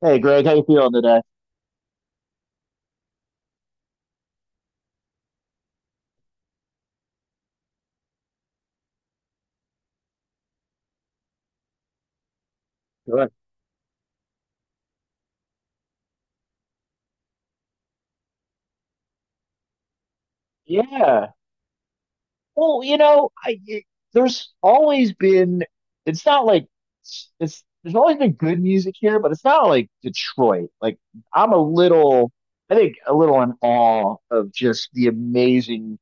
Hey Greg, how you feeling today? Good. Yeah. Well, there's always been it's not like there's always been good music here, but it's not like Detroit. Like I'm a little I think a little in awe of just the amazing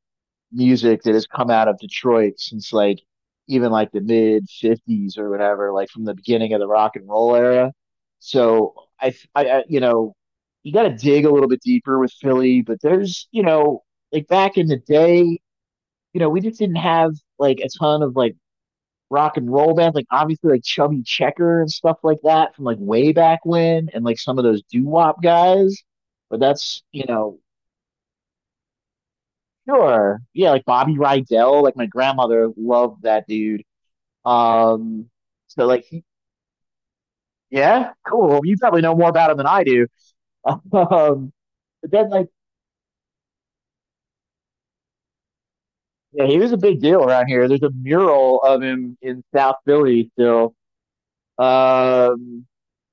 music that has come out of Detroit since like even like the mid 50s or whatever, like from the beginning of the rock and roll era. So I you got to dig a little bit deeper with Philly, but there's, like back in the day, we just didn't have like a ton of like rock and roll bands, like obviously like Chubby Checker and stuff like that from like way back when, and like some of those doo wop guys. But that's, Sure. Yeah, like Bobby Rydell, like my grandmother loved that dude. Um, so like he, yeah, cool. You probably know more about him than I do. Um, but then like Yeah, he was a big deal around here. There's a mural of him in South Philly still. Um,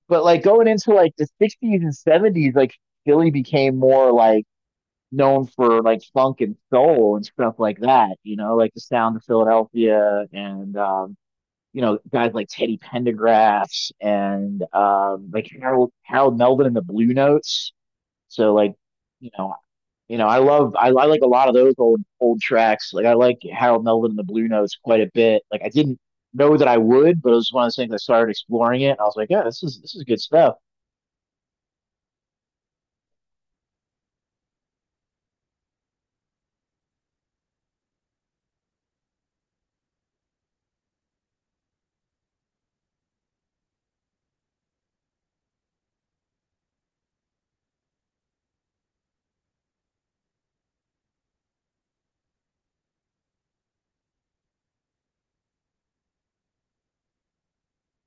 but like going into like the 60s and 70s, like Philly became more like known for like funk and soul and stuff like that, like the sound of Philadelphia, and guys like Teddy Pendergrass and like Harold Melvin and the Blue Notes. So like, you know, I like a lot of those old tracks. Like I like Harold Melvin and the Blue Notes quite a bit. Like I didn't know that I would, but it was one of those things I started exploring it. And I was like, yeah, this is good stuff.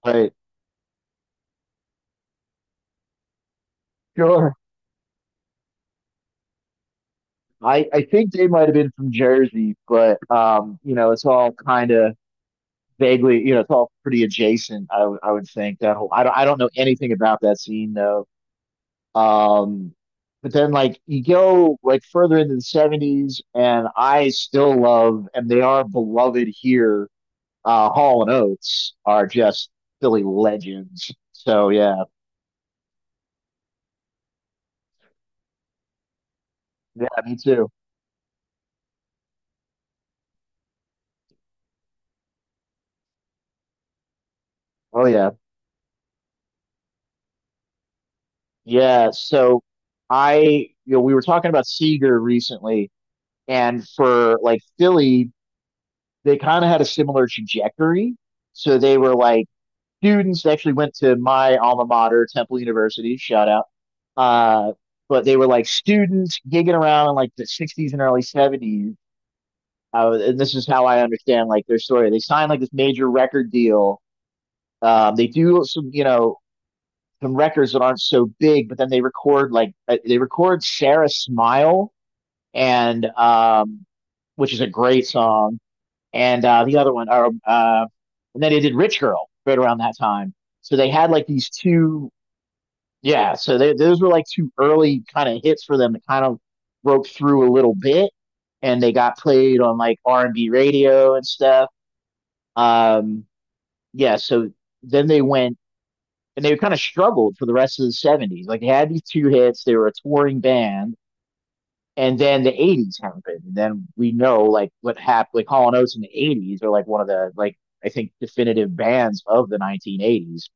But Sure. I think they might have been from Jersey, but it's all kind of vaguely, it's all pretty adjacent. I would think that whole. I don't know anything about that scene though. Um, but then like you go like further into the 70s, and I still love, and they are beloved here. Hall and Oates are just Philly legends. So yeah. Yeah, me too. Oh yeah. Yeah, so I we were talking about Seeger recently, and for like Philly they kind of had a similar trajectory. So they were like students that actually went to my alma mater, Temple University, shout out. Uh, but they were like students gigging around in like the 60s and early 70s. And this is how I understand like their story. They signed like this major record deal. They do some, some records that aren't so big, but then they record Sarah Smile, and which is a great song. And uh, the other one, or, uh, and then they did Rich Girl right around that time. So they had like these two Yeah, so those were like two early kind of hits for them that kind of broke through a little bit, and they got played on like R and B radio and stuff. Um, yeah, so then they went, and they kind of struggled for the rest of the '70s. Like they had these two hits, they were a touring band, and then the '80s happened, and then we know like what happened. Like Hall and Oates in the '80s are like one of the like I think definitive bands of the 1980s.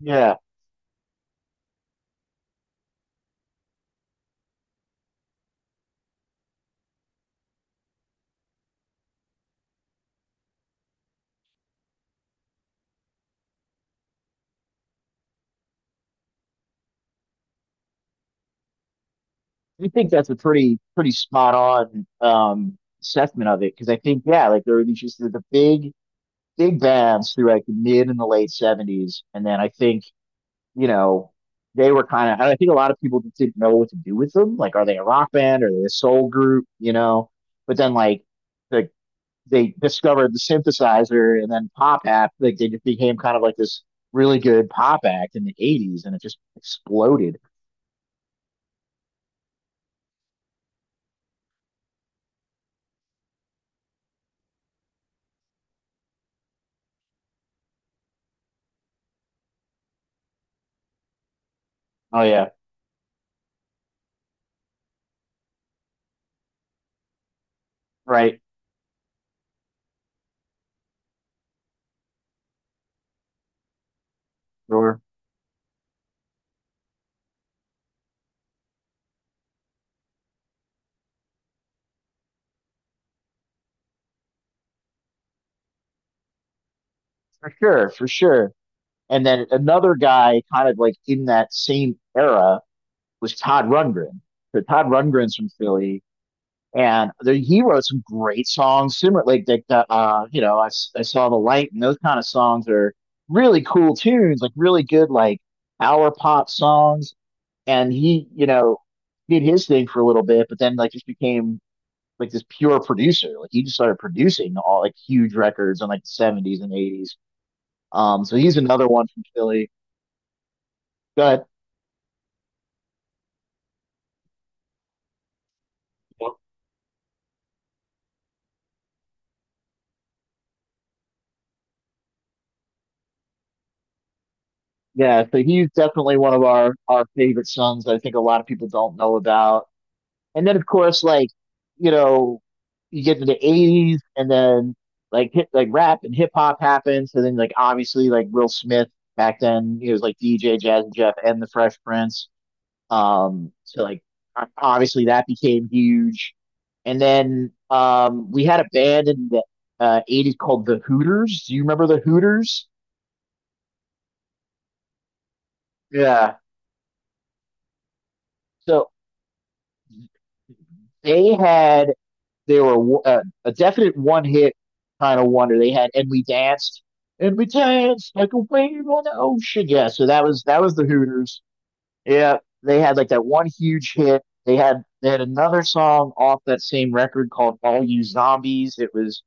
Yeah, I think that's a pretty spot on assessment of it, because I think yeah, like there were these just the big bands through like the mid and the late '70s, and then I think you know they were kind of I think a lot of people just didn't know what to do with them. Like, are they a rock band? Are they a soul group? You know, but then like the they discovered the synthesizer, and then pop act. Like they just became kind of like this really good pop act in the '80s, and it just exploded. Oh yeah, right. Sure. For sure, for sure. And then another guy kind of like in that same era was Todd Rundgren. So Todd Rundgren's from Philly. And there, he wrote some great songs, similar like "I saw the light," and those kind of songs are really cool tunes, like really good like hour pop songs. And he, did his thing for a little bit, but then like just became like this pure producer. Like he just started producing all like huge records in like the 70s and 80s. So he's another one from Philly. But Yeah, so he's definitely one of our favorite sons that I think a lot of people don't know about. And then of course, like, you know, you get into the 80s, and then like hit like rap and hip hop happens. And then like obviously like Will Smith, back then he was like DJ Jazzy Jeff and the Fresh Prince. So like obviously that became huge. And then we had a band in the 80s called the Hooters. Do you remember the Hooters? Yeah. So they had they were a definite one hit kind of wonder. They had "And We Danced," and we danced like a wave on the ocean. Yeah, so that was the Hooters. Yeah, they had like that one huge hit. They had another song off that same record called "All You Zombies." It was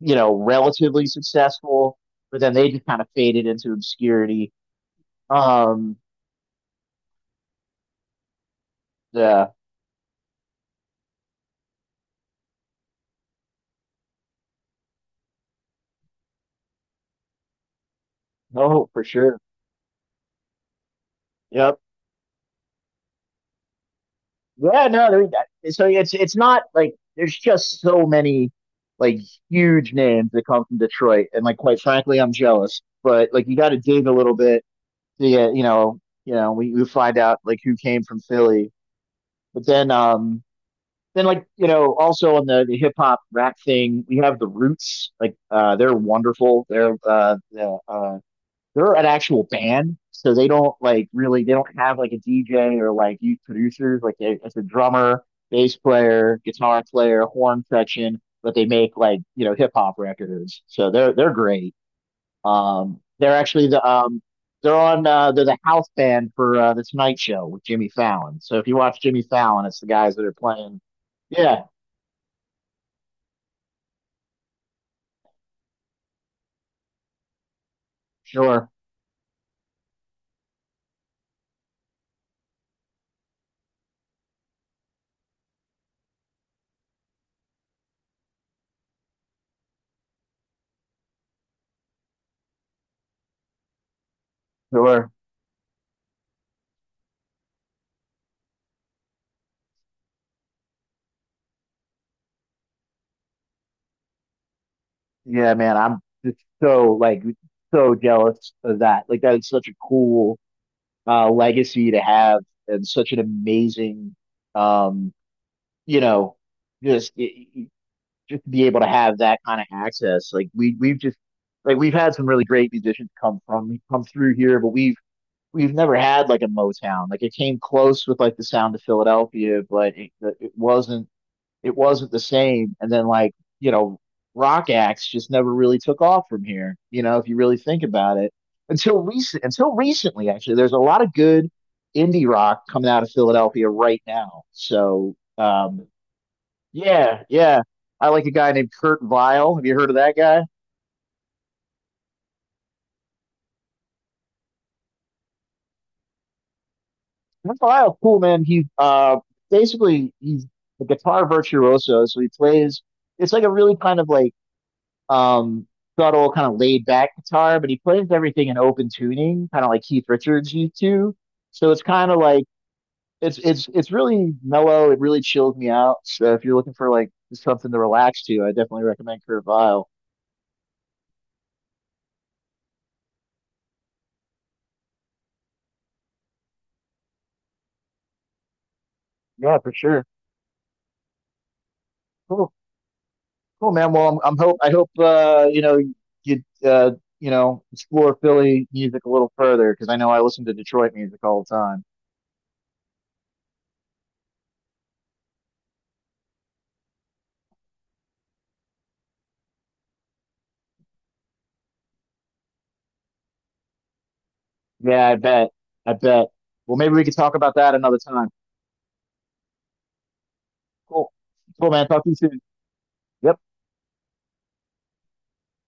relatively successful, but then they just kind of faded into obscurity. Um, yeah, oh for sure. Yep. Yeah, no, so it's not like there's just so many like huge names that come from Detroit, and like quite frankly, I'm jealous. But like you got to dig a little bit to get, we find out like who came from Philly. But then also on the hip hop rap thing, we have the Roots. Like they're wonderful. They're they're an actual band, so they don't have like a DJ or like youth producers. Like it's a drummer, bass player, guitar player, horn section, but they make like hip hop records. So they're great. They're actually they're the house band for the Tonight Show with Jimmy Fallon. So if you watch Jimmy Fallon, it's the guys that are playing. Yeah, sure, sure. Yeah, man, I'm just so like so jealous of that. Like that is such a cool legacy to have, and such an amazing, um, you know, just y- y- just to be able to have that kind of access. Like we we've just like we've had some really great musicians come through here, but we've never had like a Motown. Like it came close with like the sound of Philadelphia, but it wasn't, it wasn't the same. And then like, you know, rock acts just never really took off from here, if you really think about it. Until recently, actually, there's a lot of good indie rock coming out of Philadelphia right now. So yeah, yeah. I like a guy named Kurt Vile. Have you heard of that guy? Kurt Vile, cool man. He basically he's a guitar virtuoso, so he plays it's like a really kind of like um, subtle, kind of laid back guitar, but he plays everything in open tuning, kind of like Keith Richards used to. So it's kind of like it's really mellow. It really chills me out. So if you're looking for like something to relax to, I definitely recommend Kurt Vile. Yeah, for sure. Cool, cool, man. Well, I hope you you know explore Philly music a little further, because I know I listen to Detroit music all the time. Yeah, I bet. I bet. Well, maybe we could talk about that another time. Cool. Cool, man. Talk to you soon. Yeah,